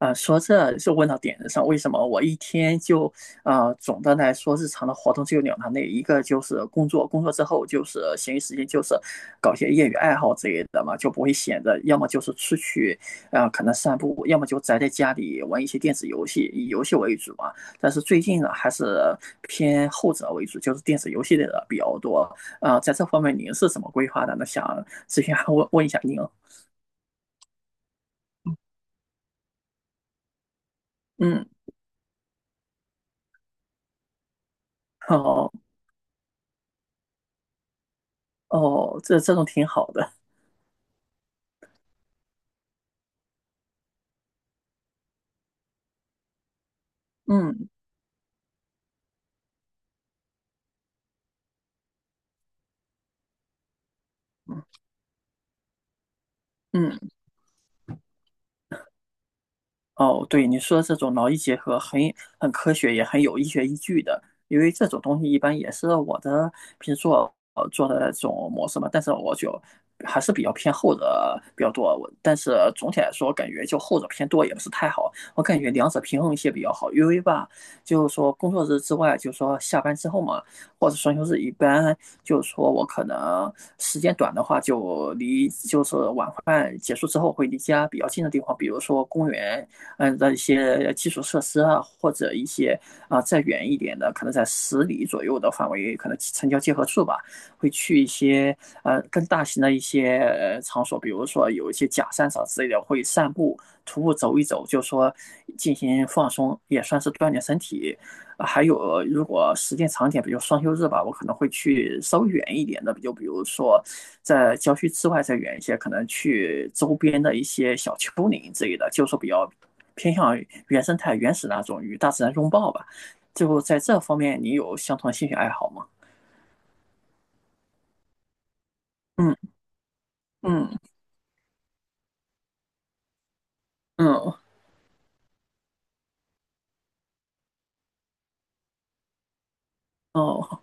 说这就问到点子上，为什么我一天就总的来说日常的活动只有两大类，一个就是工作，工作之后就是闲余时间就是搞些业余爱好之类的嘛，就不会闲着，要么就是出去，可能散步，要么就宅在家里玩一些电子游戏，以游戏为主嘛。但是最近呢，还是偏后者为主，就是电子游戏类的比较多。在这方面您是怎么规划的呢？想咨询问问一下您。嗯，好，哦，这种挺好的。嗯嗯嗯，哦，对，你说的这种劳逸结合很很科学，也很有医学依据的。因为这种东西一般也是我的平时做做的这种模式嘛，但是我就还是比较偏后者比较多。我但是总体来说，感觉就后者偏多也不是太好，我感觉两者平衡一些比较好。因为吧，就是说工作日之外，就是说下班之后嘛，或者双休日，一般就是说我可能时间短的话，就离就是晚饭结束之后会离家比较近的地方，比如说公园。嗯的一些基础设施啊，或者一些再远一点的，可能在十里左右的范围，可能城郊结合处吧，会去一些更大型的一些场所，比如说有一些假山场之类的，会散步、徒步走一走，就说进行放松，也算是锻炼身体。还有，如果时间长点，比如双休日吧，我可能会去稍微远一点的，就比如说在郊区之外再远一些，可能去周边的一些小丘陵之类的，就是说比较偏向于原生态、原始那种，与大自然拥抱吧。就在这方面，你有相同的兴趣爱好吗？嗯嗯嗯，哦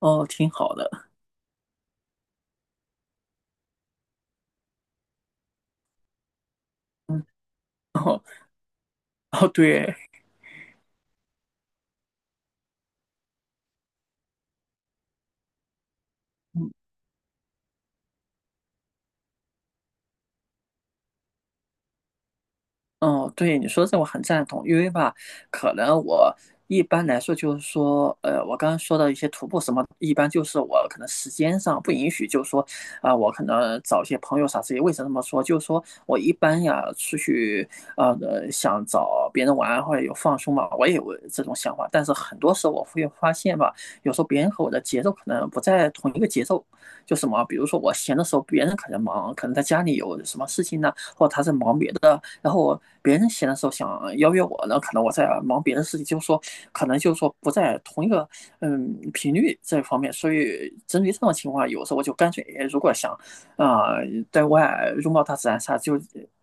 哦，挺好的。嗯，哦哦，对。嗯哦，对，你说这我很赞同，因为吧，可能我一般来说就是说，我刚刚说的一些徒步什么，一般就是我可能时间上不允许，就是说，我可能找一些朋友啥之类。为什么这么说？就是说我一般呀出去，想找别人玩或者有放松嘛，我也有这种想法，但是很多时候我会发现吧，有时候别人和我的节奏可能不在同一个节奏，就什么，比如说我闲的时候，别人可能忙，可能在家里有什么事情呢。或者他在忙别的，然后别人闲的时候想邀约我呢，可能我在忙别的事情，就是说可能就是说不在同一个嗯频率这方面，所以针对这种情况，有时候我就干脆如果想啊、呃在外拥抱大自然啥，就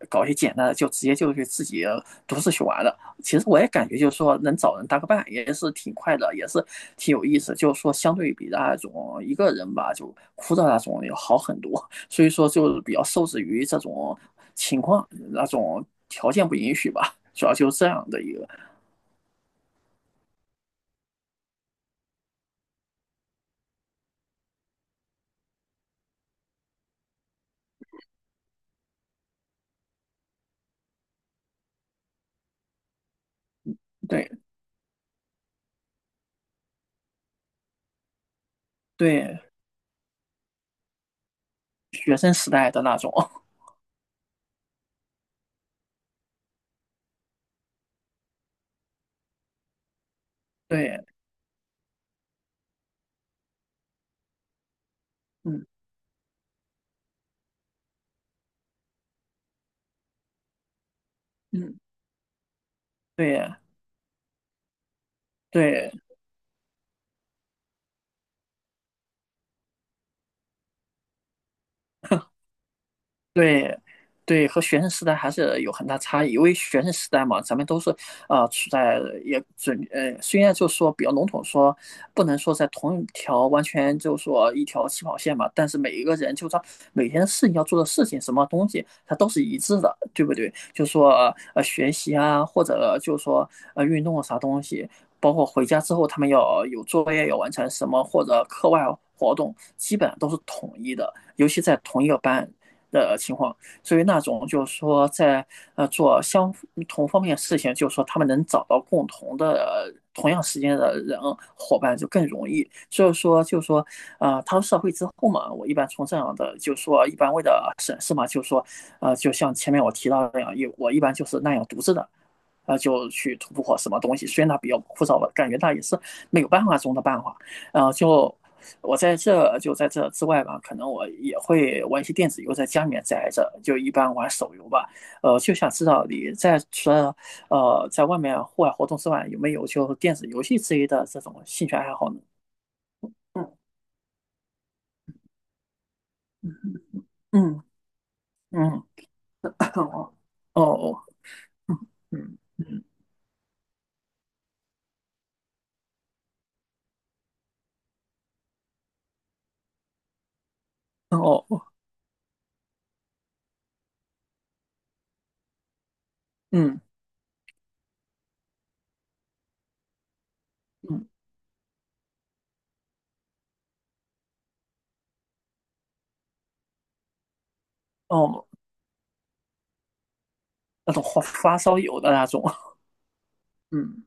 搞一些简单的，就直接就去自己独自去玩了。其实我也感觉就是说能找人搭个伴也是挺快的，也是挺有意思，就是说相对比那种一个人吧，就枯燥那种要好很多。所以说就比较受制于这种情况、那种条件不允许吧，主要就是这样的一个对对学生时代的那种，对，嗯嗯，对对。对，对，和学生时代还是有很大差异，因为学生时代嘛，咱们都是处在也准，虽然就说比较笼统说，不能说在同一条完全就说一条起跑线嘛，但是每一个人就说每天事情要做的事情，什么东西它都是一致的，对不对？就说学习啊，或者就说运动啊啥东西，包括回家之后他们要有作业要完成什么，或者课外活动，基本上都是统一的。尤其在同一个班，的情况，所以那种就是说在做相同方面的事情，就是说他们能找到共同的同样时间的人伙伴就更容易。所以说就是说啊，踏入社会之后嘛，我一般从这样的就是说一般为了省事嘛，就是说就像前面我提到的那样，我一般就是那样独自的，啊，就去突破什么东西。虽然它比较枯燥，吧，感觉它也是没有办法中的办法。啊，就我在这就在这之外吧，可能我也会玩一些电子游，在家里面宅着，就一般玩手游吧。就想知道你在除了在外面户外活动之外，有没有就电子游戏之类的这种兴趣爱好呢？嗯嗯嗯，哦哦嗯嗯哦哦嗯嗯哦，那种花发烧友的那种，嗯。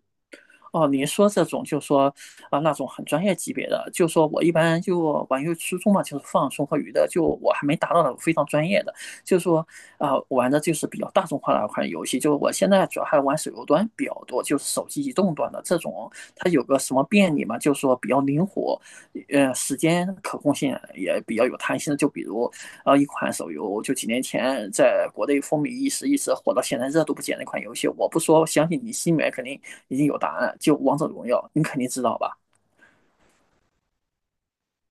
哦，你说这种就说啊那种很专业级别的，就说我一般就玩游戏初衷嘛，就是放松和娱乐，就我还没达到那种非常专业的，就说玩的就是比较大众化的一款游戏，就是我现在主要还玩手游端比较多，就是手机移动端的这种，它有个什么便利嘛，就说比较灵活，时间可控性也比较有弹性的，就比如然后一款手游就几年前在国内风靡一时，一时火到现在热度不减的一款游戏。我不说，相信你心里面肯定已经有答案。就《王者荣耀》，你肯定知道吧？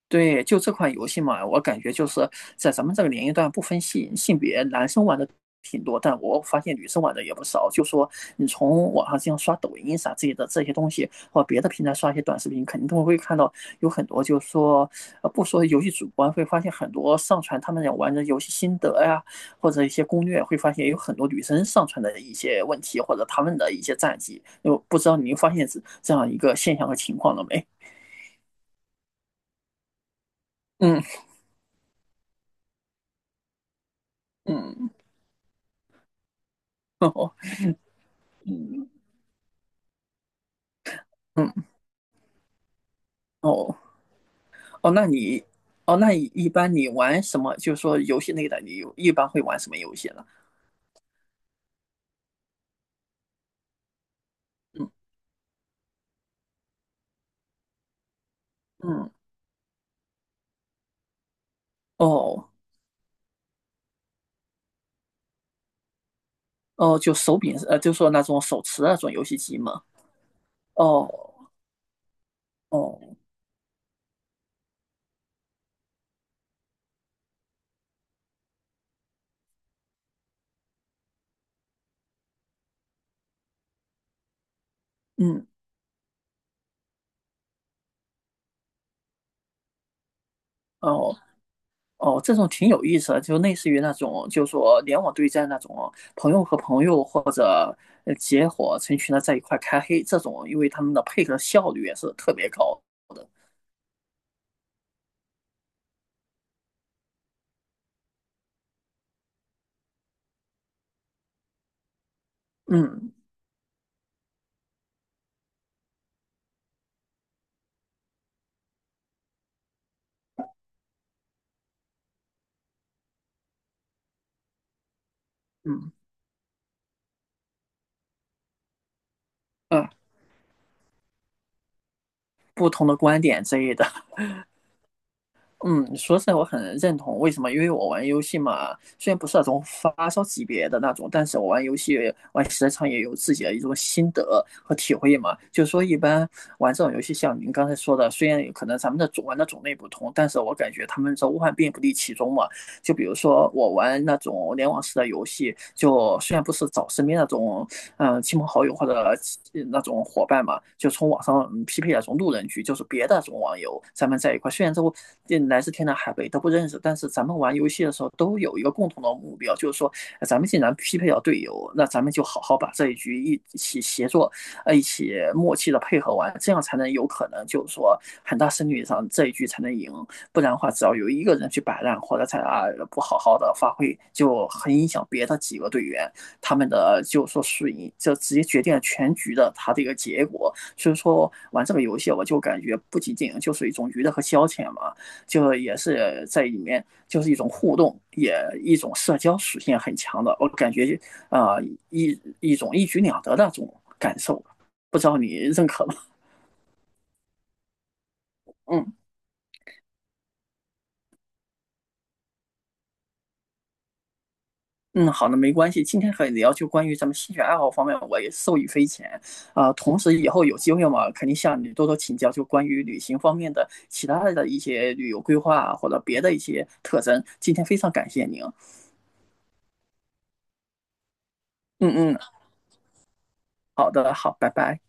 对，就这款游戏嘛，我感觉就是在咱们这个年龄段不分性别，男生玩的挺多，但我发现女生玩的也不少。就说你从网上这样刷抖音啥之类的这些东西，或别的平台刷一些短视频，肯定都会看到有很多，就是说，不说游戏主播，会发现很多上传他们也玩的游戏心得呀，或者一些攻略，会发现有很多女生上传的一些问题或者他们的一些战绩。就不知道您发现这这样一个现象和情况了没？嗯嗯，哦嗯。嗯，哦哦，那你哦，那你一般你玩什么？就是说游戏类的，你有一般会玩什么游戏呢？嗯嗯，哦哦，就手柄就说那种手持那种游戏机嘛。哦哦，嗯哦哦，这种挺有意思的，就类似于那种就是说联网对战那种朋友和朋友或者结伙成群的在一块开黑这种，因为他们的配合效率也是特别高的。嗯嗯嗯，不同的观点之类的。嗯，说实在我很认同，为什么？因为我玩游戏嘛，虽然不是那种发烧级别的那种，但是我玩游戏玩时间长也有自己的一种心得和体会嘛。就是说，一般玩这种游戏，像您刚才说的，虽然可能咱们的种玩的种类不同，但是我感觉他们这无万变不离其中嘛。就比如说我玩那种联网式的游戏，就虽然不是找身边那种亲朋好友或者那种伙伴嘛，就从网上嗯匹配那种路人局，就是别的那种网友，咱们在一块，虽然都嗯来自天南海北都不认识，但是咱们玩游戏的时候都有一个共同的目标，就是说咱们既然匹配到队友，那咱们就好好把这一局一起协作，一起默契的配合完，这样才能有可能就是说很大胜率上这一局才能赢。不然的话，只要有一个人去摆烂或者在啊不好好的发挥，就很影响别的几个队员他们的就说输赢，就直接决定了全局的他这个结果。所以说玩这个游戏，我就感觉不仅仅就是一种娱乐和消遣嘛，就也是在里面就是一种互动，也一种社交属性很强的。我感觉啊、呃一种一举两得的那种感受，不知道你认可吗？嗯。嗯，好的，没关系。今天和你聊就关于咱们兴趣爱好方面，我也受益匪浅同时，以后有机会嘛，肯定向你多多请教，就关于旅行方面的其他的一些旅游规划啊或者别的一些特征。今天非常感谢您。嗯嗯，好的，好，拜拜。